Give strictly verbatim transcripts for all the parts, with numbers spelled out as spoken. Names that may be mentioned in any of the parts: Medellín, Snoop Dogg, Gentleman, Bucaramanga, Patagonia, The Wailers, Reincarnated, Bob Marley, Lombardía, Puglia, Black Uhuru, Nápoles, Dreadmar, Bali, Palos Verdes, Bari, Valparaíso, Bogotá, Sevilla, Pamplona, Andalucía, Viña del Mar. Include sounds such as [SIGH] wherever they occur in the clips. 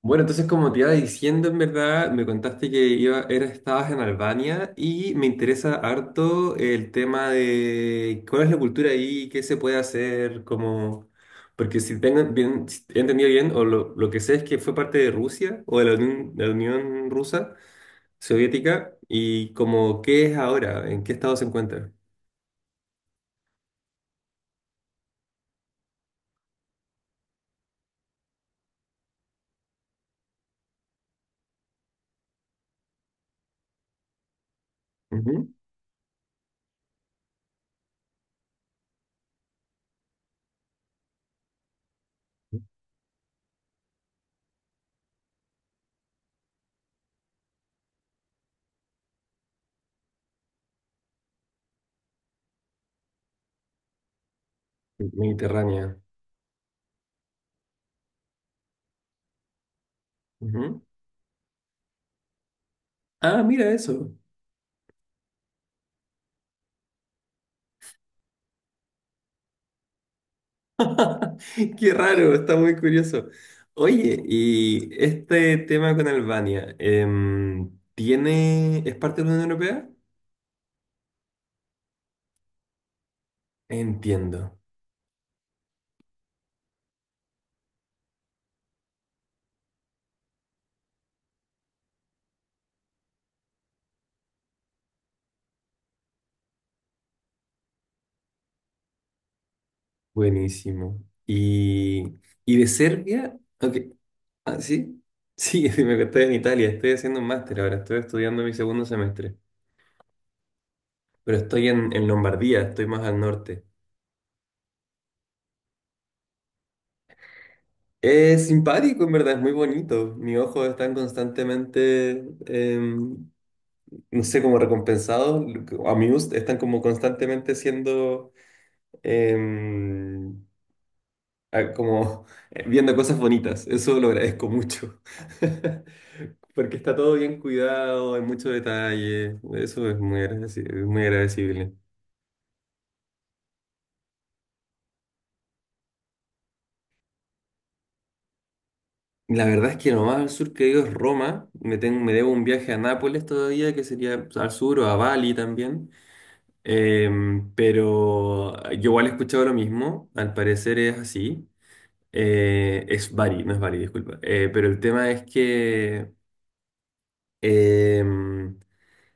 Bueno, entonces como te iba diciendo, en verdad, me contaste que iba, era, estabas en Albania y me interesa harto el tema de cuál es la cultura ahí, qué se puede hacer, como... Porque si tengo bien, si he entendido bien, o lo, lo que sé es que fue parte de Rusia o de la Unión, la Unión Rusa Soviética y como qué es ahora, en qué estado se encuentra. Ujú. Mediterránea. Ujú. Ah, mira eso. [LAUGHS] Qué raro, está muy curioso. Oye, y este tema con Albania, em, ¿tiene, es parte de la Unión Europea? Entiendo. Buenísimo. Y, y de Serbia, ok, ah, sí, sí, [LAUGHS] sí, me estoy en Italia, estoy haciendo un máster ahora, estoy estudiando mi segundo semestre, pero estoy en, en Lombardía, estoy más al norte. Es simpático, en verdad, es muy bonito. Mis ojos están constantemente em, no sé, como recompensados, amused, están como constantemente siendo, em, ah, como eh, viendo cosas bonitas. Eso lo agradezco mucho. [LAUGHS] Porque está todo bien cuidado, hay mucho detalle. Eso es muy agradecible, es muy agradecible. La verdad es que lo más al sur que he ido es Roma. Me, tengo, me debo un viaje a Nápoles todavía, que sería pues, al sur o a Bali también. Em, pero yo igual he escuchado lo mismo, al parecer es así. Eh, es Bari, no es Bari, disculpa. Eh, pero el tema es que em,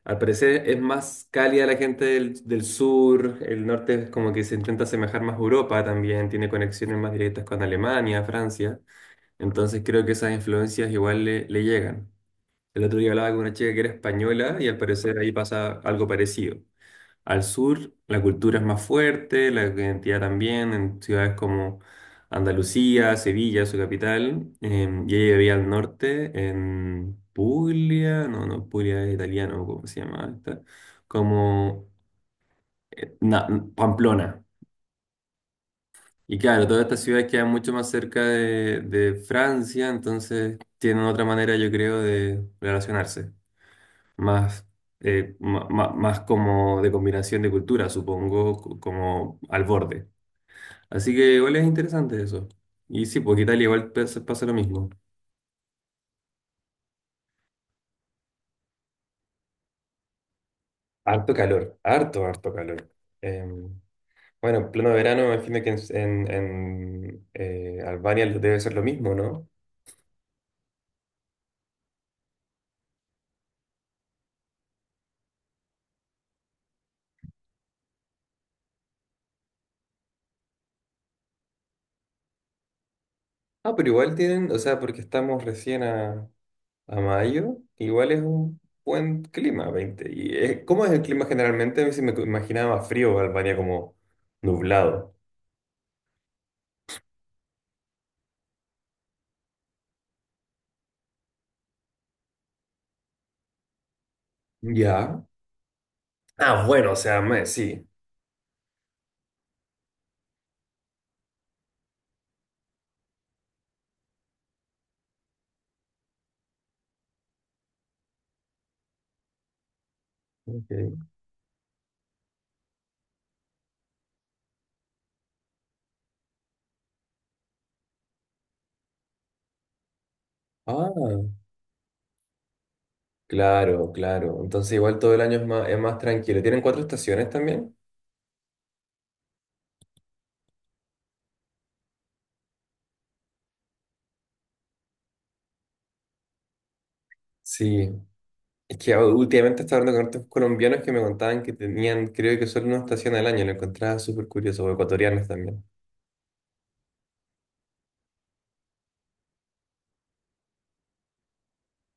al parecer es más cálida la gente del, del sur, el norte es como que se intenta asemejar más a Europa también, tiene conexiones más directas con Alemania, Francia, entonces creo que esas influencias igual le, le llegan. El otro día hablaba con una chica que era española y al parecer ahí pasa algo parecido. Al sur la cultura es más fuerte, la identidad también, en ciudades como Andalucía, Sevilla, su capital, em, y ella vivía al norte, en Puglia, no, no, Puglia es italiano, ¿cómo se llama esta? Como eh, na- Pamplona. Y claro, todas estas ciudades quedan mucho más cerca de, de Francia, entonces tienen otra manera, yo creo, de relacionarse, más eh, ma- ma- más como de combinación de cultura, supongo, co- como al borde. Así que igual es interesante eso. Y sí, porque Italia igual pasa, pasa lo mismo. Harto calor, harto, harto calor. Eh, bueno, en pleno verano, me imagino que en, en- en, eh, Albania debe ser lo mismo, ¿no? Ah, pero igual tienen, o sea, porque estamos recién a, a mayo, igual es un buen clima, veinte. ¿Y eh, cómo es el clima generalmente? A mí sí me imaginaba más frío Albania como nublado. Ya. Ah, bueno, o sea, me- sí. Ok. Ah. Claro, claro. Entonces igual todo el año es más, es más tranquilo. ¿Tienen cuatro estaciones también? Sí. Es que ah, últimamente estaba hablando con otros colombianos que me contaban que tenían, creo que solo una estación al año. Lo encontraba súper curioso, o ecuatorianos también.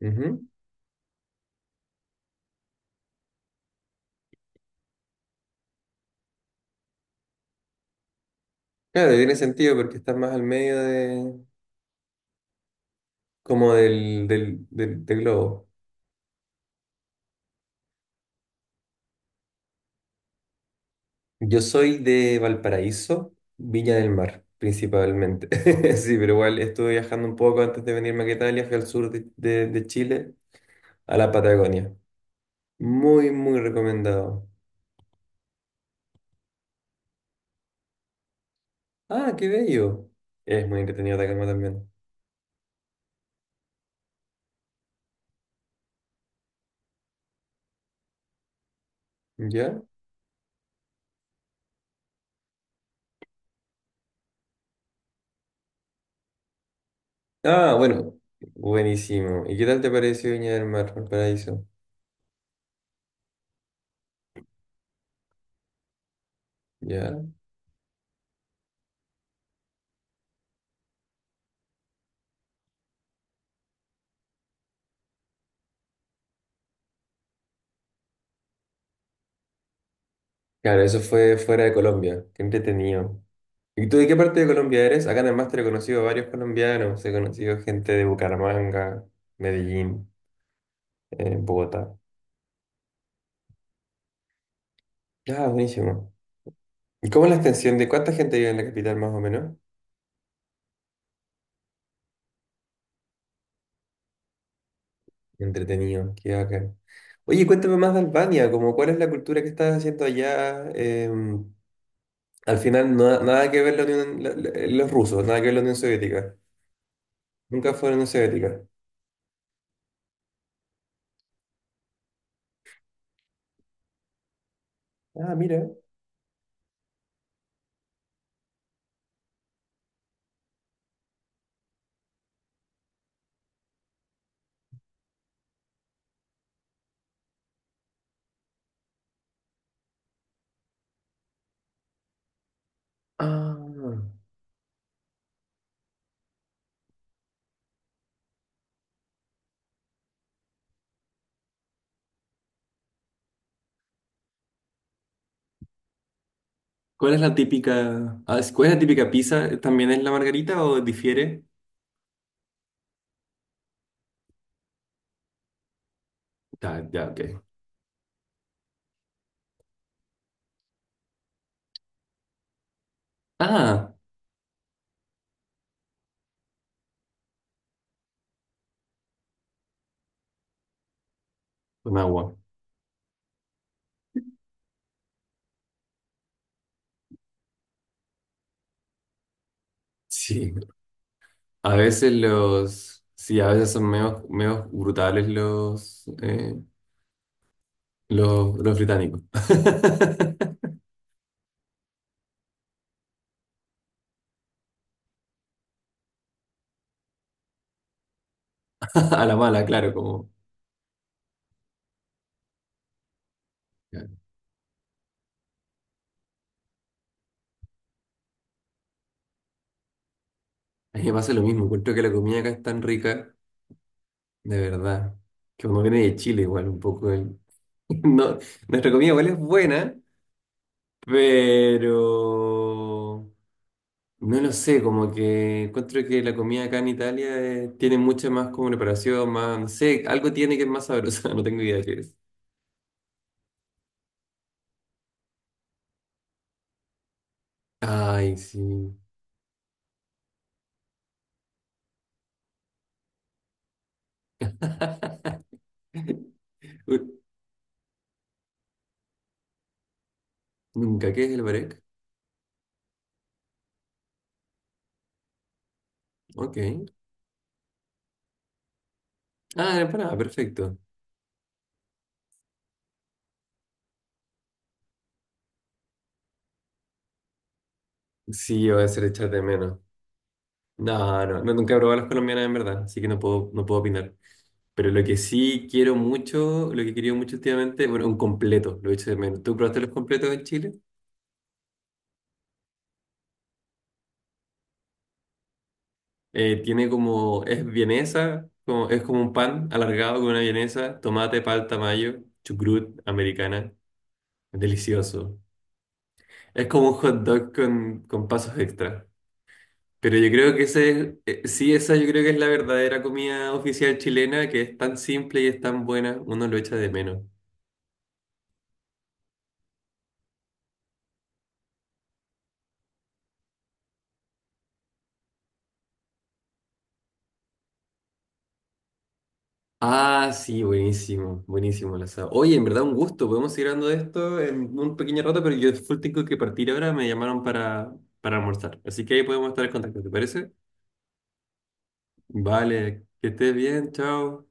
Ujú. Claro, tiene sentido porque estás más al medio de, como del, del, del, del globo. Yo soy de Valparaíso, Viña del Mar, principalmente. [LAUGHS] Sí, pero igual estuve viajando un poco antes de venirme a Italia, fui al sur de, de de Chile, a la Patagonia. Muy, muy recomendado. Ah, qué bello. Es muy entretenido la calma también. ¿Ya? Ah, bueno. Buenísimo. ¿Y qué tal te pareció Viña del Mar, Paraíso? ¿Ya? Claro, eso fue fuera de Colombia. Qué entretenido. ¿Y tú de qué parte de Colombia eres? Acá en el máster he conocido a varios colombianos. He conocido gente de Bucaramanga, Medellín, eh, Bogotá. Ah, buenísimo. ¿Y cómo es la extensión de cuánta gente vive en la capital más o menos? Entretenido, qué bacán. Oye, cuéntame más de Albania, como cuál es la cultura que estás haciendo allá. Em, al final, no- nada que ver la Unión- la- la- los rusos, nada que ver la Unión Soviética. Nunca fue la Unión Soviética. Ah, mira. Ah, ¿cuál es la típica? ah, es- ¿Cuál es la típica pizza? ¿También es la margarita o difiere? Ah, ya, ok. Ah, con agua. Sí. A veces los. Sí, a veces son menos, menos brutales los, eh, los, los británicos. [LAUGHS] [LAUGHS] A la mala, claro, como... Claro. A mí me pasa lo mismo, encuentro que la comida acá es tan rica, de verdad, que uno viene de Chile igual un poco. el- [LAUGHS] No, nuestra comida igual es buena, pero... No lo sé, como que encuentro que la comida acá en Italia eh, tiene mucha más como preparación, más, no sé, algo tiene que es más sabrosa, [LAUGHS] no tengo idea de qué es. Ay, sí. [LAUGHS] Uy, nunca, ¿qué es el barec? Ok. Ah, la empanada, perfecto. Sí, voy a hacer echar de menos. No, no, no, nunca he probado las colombianas en verdad, así que no puedo, no puedo opinar. Pero lo que sí quiero mucho, lo que he querido mucho últimamente, bueno, un completo, lo he hecho de menos. ¿Tú probaste los completos en Chile? Eh, tiene como, es vienesa, como, es como un pan alargado con una vienesa, tomate, palta, mayo, chucrut, americana, delicioso. Es como un hot dog con, con pasos extra. Pero yo creo que ese, eh, sí, esa yo creo que es la verdadera comida oficial chilena, que es tan simple y es tan buena, uno lo echa de menos. Ah, sí, buenísimo, buenísimo el asado. Oye, en verdad un gusto, podemos seguir hablando de esto en un pequeño rato, pero yo full tengo que partir ahora, me llamaron para, para almorzar. Así que ahí podemos estar en contacto, ¿te parece? Vale, que estés bien, chao.